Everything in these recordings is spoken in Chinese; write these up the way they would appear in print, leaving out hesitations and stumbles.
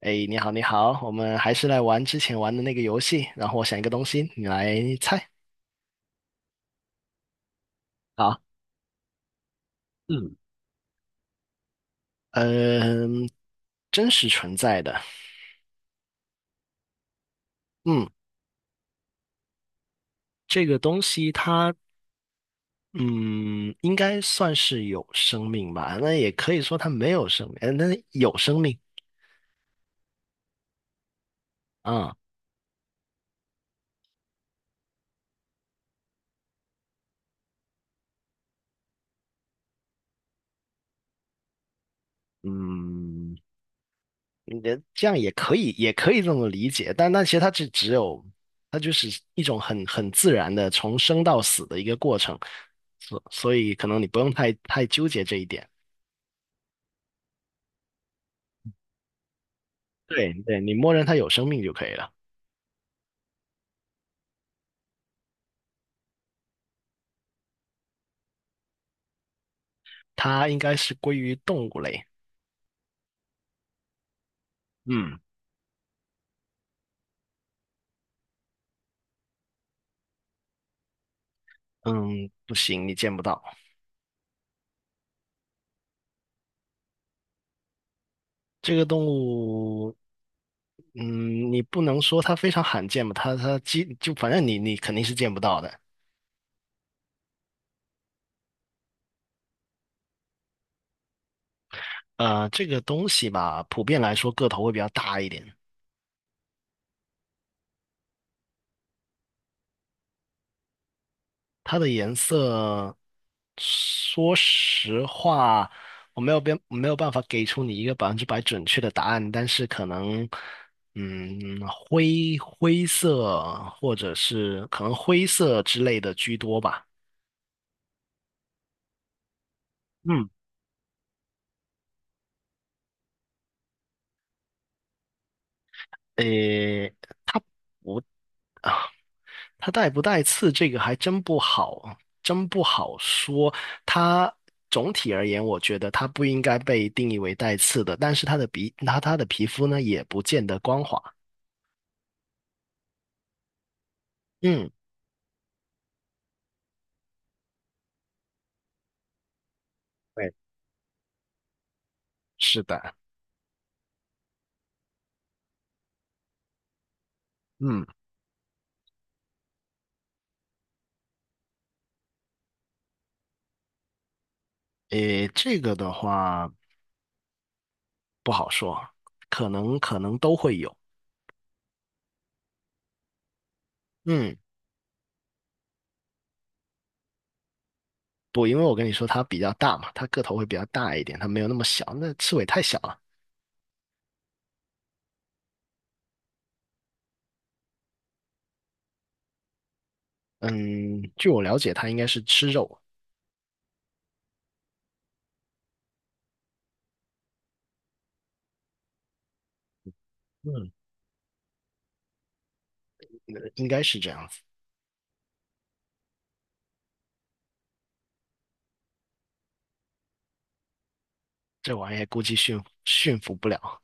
哎，你好，你好，我们还是来玩之前玩的那个游戏。然后我想一个东西，你来猜。好，嗯，嗯、真实存在的，嗯，这个东西它，嗯，应该算是有生命吧？那也可以说它没有生命，那有生命啊、嗯，你的这样也可以，也可以这么理解，但那其实它只有，它就是一种很自然的从生到死的一个过程，所以可能你不用太纠结这一点。对对，你默认它有生命就可以了，它应该是归于动物类。嗯嗯，不行，你见不到这个动物。你不能说它非常罕见吧？它就反正你肯定是见不到的。这个东西吧，普遍来说个头会比较大一点。它的颜色，说实话，我没有办法给出你一个百分之百准确的答案，但是可能，灰色或者是可能灰色之类的居多吧。嗯，诶，它不。它带不带刺这个还真不好啊，真不好说。它总体而言，我觉得它不应该被定义为带刺的，但是它的皮，他它的皮肤呢，也不见得光滑。嗯，对，是的，嗯，诶，这个的话不好说，可能都会有。嗯，不，因为我跟你说它比较大嘛，它个头会比较大一点，它没有那么小，那刺猬太小了。嗯，据我了解，它应该是吃肉，嗯，应该是这样子。这玩意估计驯服不了，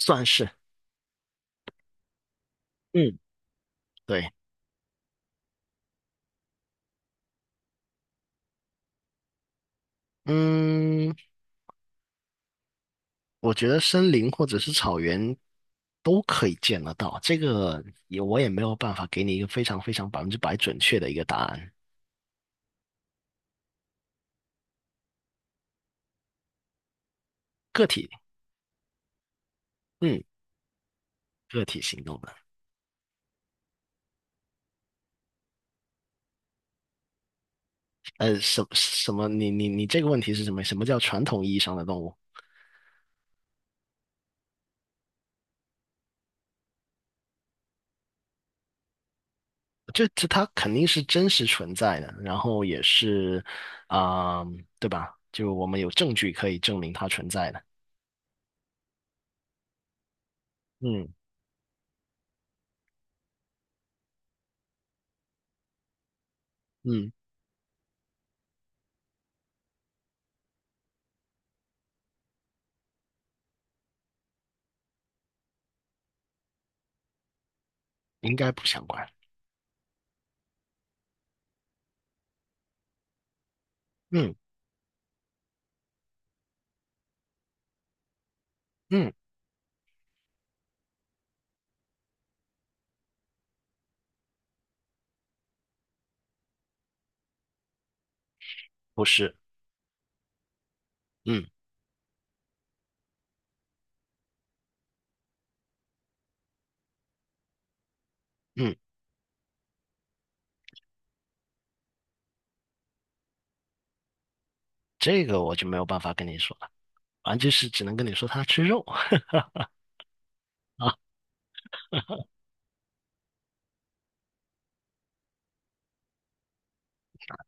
算是，嗯，对，嗯，我觉得森林或者是草原都可以见得到，这个也我也没有办法给你一个非常非常百分之百准确的一个答案，个体，嗯，个体行动的，什么？你这个问题是什么？什么叫传统意义上的动物？它肯定是真实存在的，然后也是，啊、对吧？就我们有证据可以证明它存在的，嗯嗯。应该不相关。嗯嗯，不是，嗯嗯，这个我就没有办法跟你说了，啊，就是只能跟你说他吃肉 啊，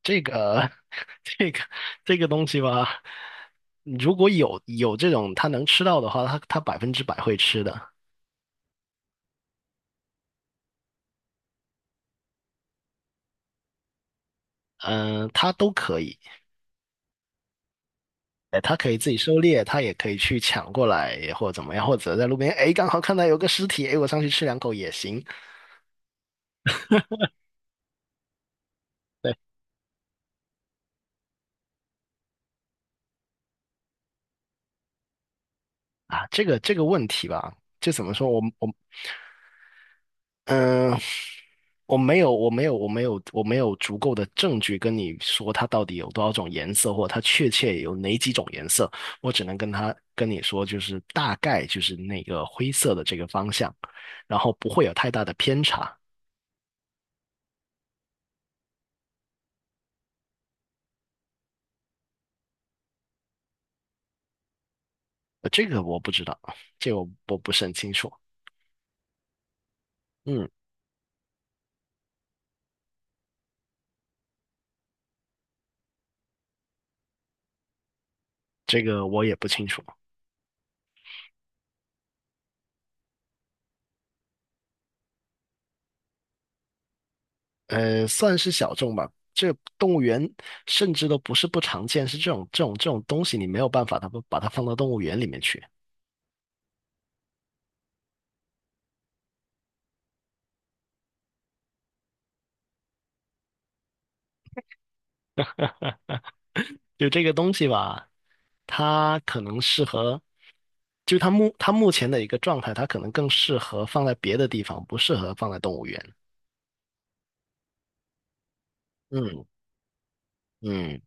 这个 这个这个东西吧，如果有这种他能吃到的话，他百分之百会吃的，嗯、他都可以，哎，他可以自己狩猎，他也可以去抢过来或者怎么样，或者在路边，哎，刚好看到有个尸体，哎，我上去吃两口也行。对啊，这个问题吧，就怎么说，我嗯，我没有足够的证据跟你说它到底有多少种颜色，或者它确切有哪几种颜色。我只能跟你说，就是大概就是那个灰色的这个方向，然后不会有太大的偏差。这个我不知道，这个我不是很清楚。嗯，这个我也不清楚。算是小众吧。这动物园甚至都不是不常见，是这种东西，你没有办法，它不把它放到动物园里面去。就这个东西吧，它可能适合，就它目前的一个状态，它可能更适合放在别的地方，不适合放在动物园。嗯嗯，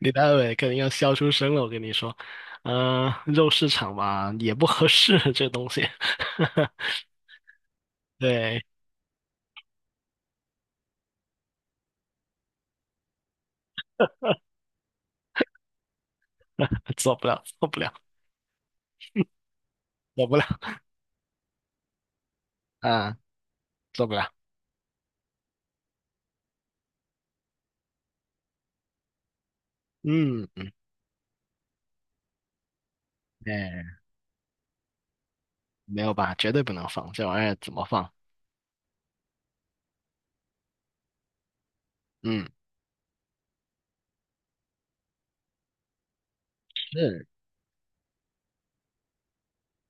李大伟肯定要笑出声了，我跟你说，肉市场吧也不合适这东西，对，做不了，做不了，做不了啊，做不了。嗯嗯，哎，没有吧，绝对不能放这玩意儿，怎么放？嗯，是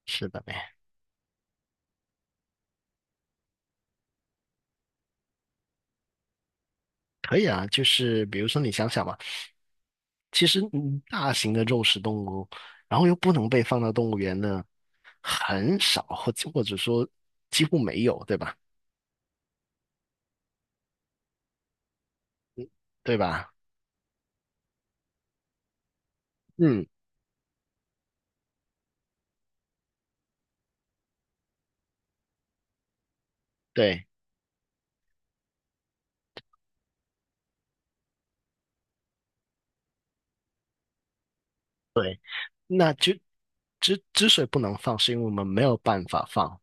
是的呗，可以啊，就是比如说你想想嘛。其实大型的肉食动物，然后又不能被放到动物园呢，很少，者说几乎没有，对吧？对吧？嗯，对，那就之所以不能放，是因为我们没有办法放。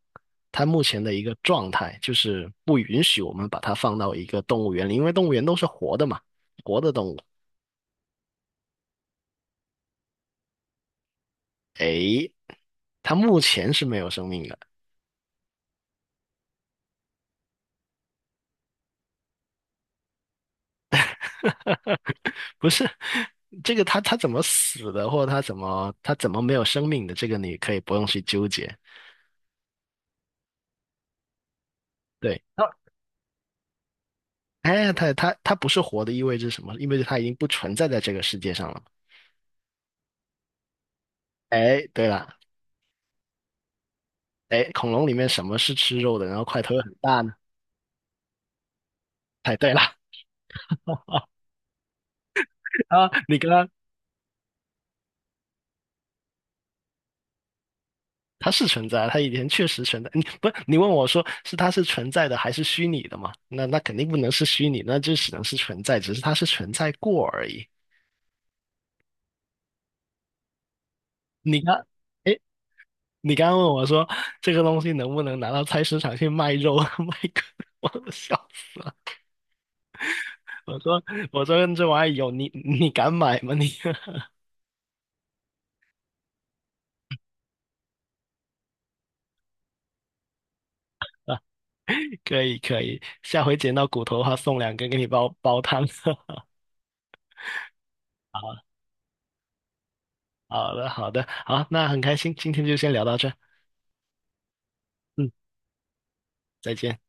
它目前的一个状态就是不允许我们把它放到一个动物园里，因为动物园都是活的嘛，活的动物。诶，它目前是没有生命的。不是这个他怎么死的，或者他怎么没有生命的，这个你可以不用去纠结。对，哎，他不是活的，意味着什么？意味着他已经不存在在这个世界上了。哎，对了，哎，恐龙里面什么是吃肉的，然后块头又很大呢？哎，对了，啊，你刚刚他是存在，他以前确实存在。你不，你问我说是它是存在的还是虚拟的嘛？那肯定不能是虚拟，那就只能是存在，只是它是存在过而已。你看，哎，你刚刚问我说这个东西能不能拿到菜市场去卖肉 我都笑死了。我说我说这玩意有你敢买吗？你 可以可以，下回捡到骨头的话送两根给你煲煲汤。好的好的，好，那很开心，今天就先聊到这儿嗯，再见。